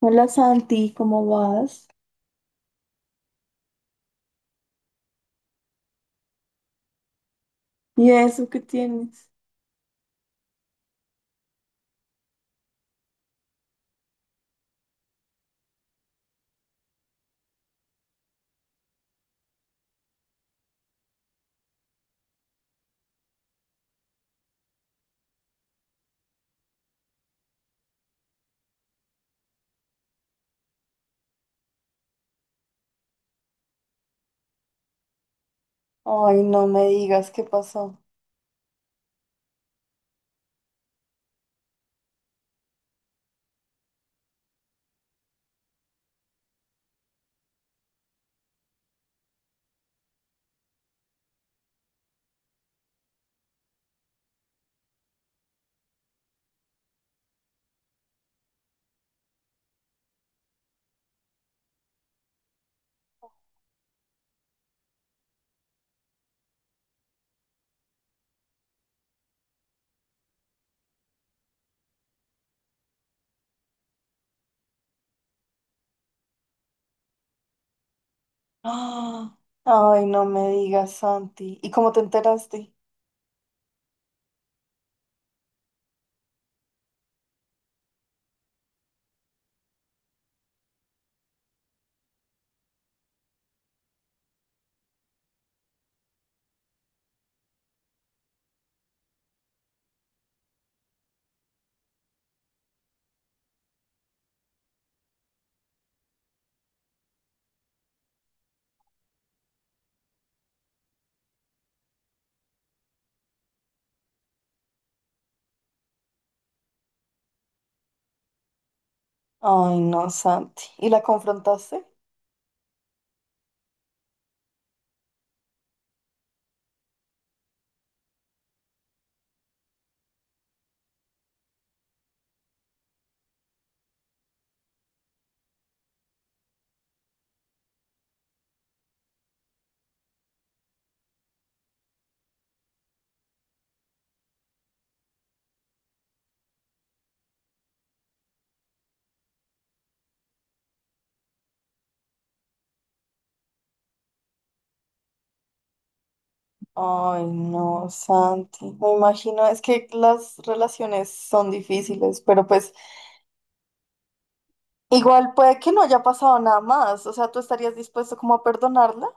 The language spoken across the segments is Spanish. Hola, Santi, ¿cómo vas? ¿Y eso qué tienes? Ay, no me digas, ¿qué pasó? ¡Ah! Ay, no me digas, Santi. ¿Y cómo te enteraste? Ay, no, Santi. ¿Y la confrontaste? Ay, no, Santi. Me imagino, es que las relaciones son difíciles, pero pues igual puede que no haya pasado nada más. O sea, ¿tú estarías dispuesto como a perdonarla?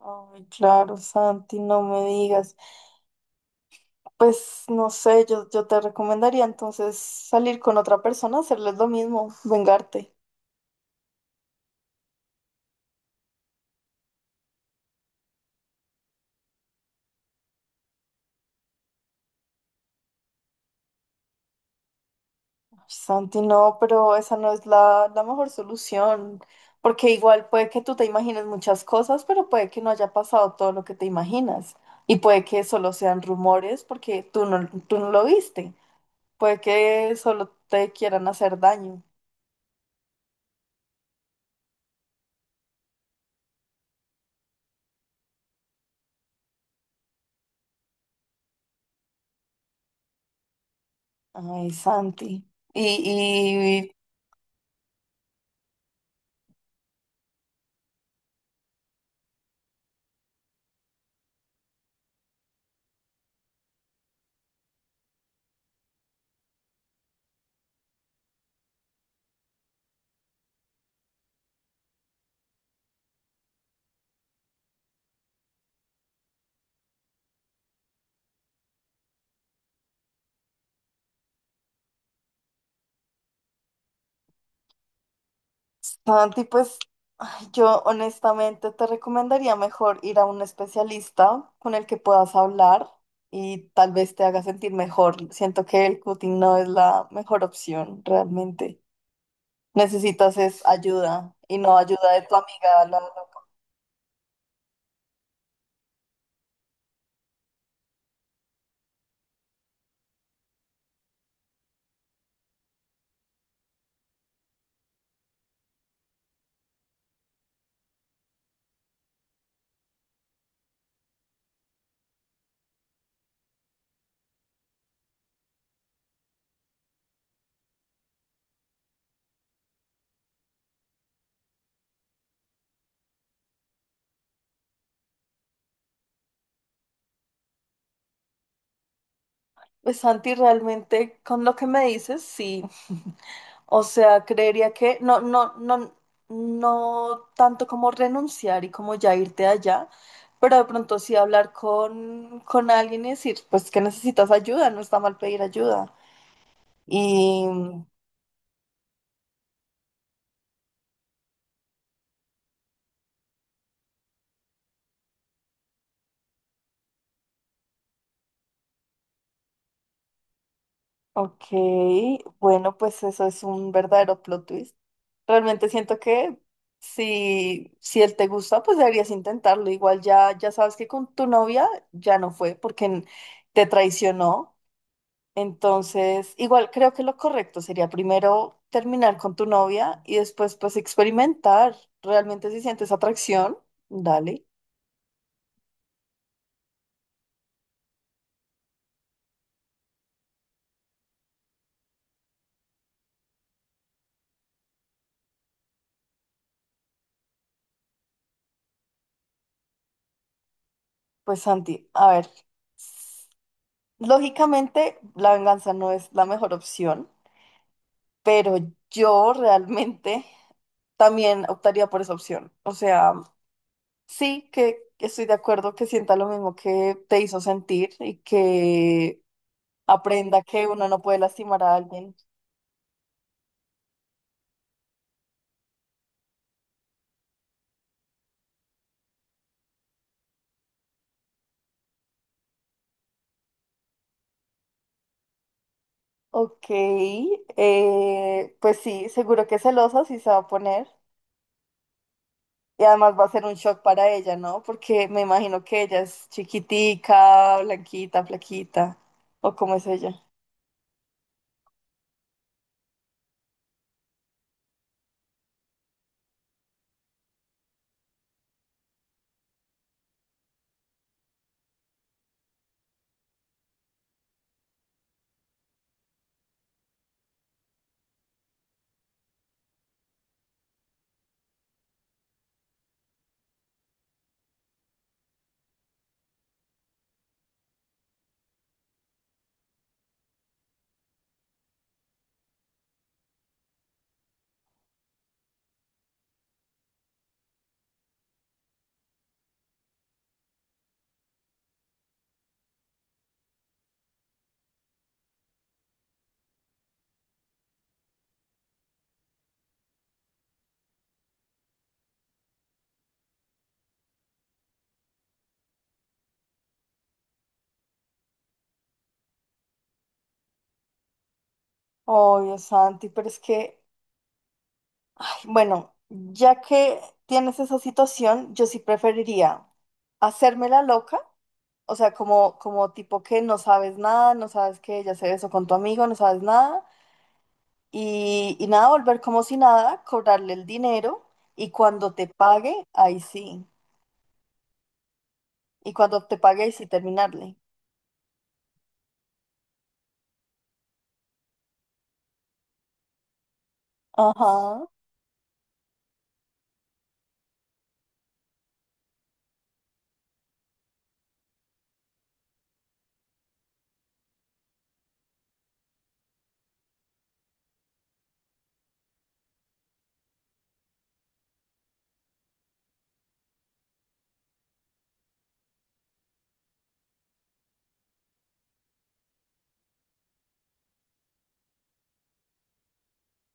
Ay, claro, Santi, no me digas. Pues no sé, yo te recomendaría entonces salir con otra persona, hacerles lo mismo, vengarte. Ay, Santi, no, pero esa no es la mejor solución, porque igual puede que tú te imagines muchas cosas, pero puede que no haya pasado todo lo que te imaginas. Y puede que solo sean rumores porque tú no lo viste. Puede que solo te quieran hacer daño. Ay, Santi. Y, Santi, pues ay, yo honestamente te recomendaría mejor ir a un especialista con el que puedas hablar y tal vez te haga sentir mejor. Siento que el cutting no es la mejor opción realmente. Necesitas es ayuda y no ayuda de tu amiga. Pues, Santi, realmente con lo que me dices, sí. O sea, creería que no, no, no, no tanto como renunciar y como ya irte allá, pero de pronto sí hablar con alguien y decir, pues que necesitas ayuda, no está mal pedir ayuda. Y, ok, bueno, pues eso es un verdadero plot twist. Realmente siento que si él te gusta, pues deberías intentarlo. Igual ya, ya sabes que con tu novia ya no fue porque te traicionó. Entonces, igual creo que lo correcto sería primero terminar con tu novia y después pues experimentar. Realmente si sientes atracción, dale. Pues, Santi, a ver, lógicamente la venganza no es la mejor opción, pero yo realmente también optaría por esa opción. O sea... Sí, que estoy de acuerdo que sienta lo mismo que te hizo sentir y que aprenda que uno no puede lastimar a alguien. Ok, pues sí, seguro que celosa sí se va a poner y además va a ser un shock para ella, ¿no? Porque me imagino que ella es chiquitica, blanquita, flaquita, o cómo es ella. Oh, Dios, Santi, pero es que, ay, bueno, ya que tienes esa situación, yo sí preferiría hacerme la loca. O sea, como, como tipo que no sabes nada, no sabes que ella se besó con tu amigo, no sabes nada. Y nada, volver como si nada, cobrarle el dinero y cuando te pague, ahí sí. Y cuando te pague, ahí sí terminarle. Ajá.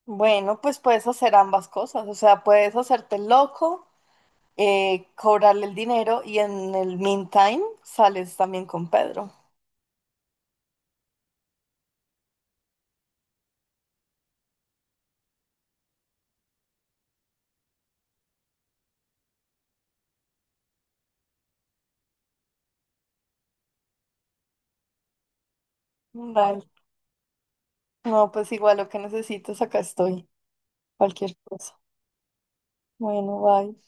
Bueno, pues puedes hacer ambas cosas. O sea, puedes hacerte el loco, cobrarle el dinero y en el meantime sales también con Pedro. Vale. No, pues igual lo que necesites, acá estoy. Cualquier cosa. Bueno, bye.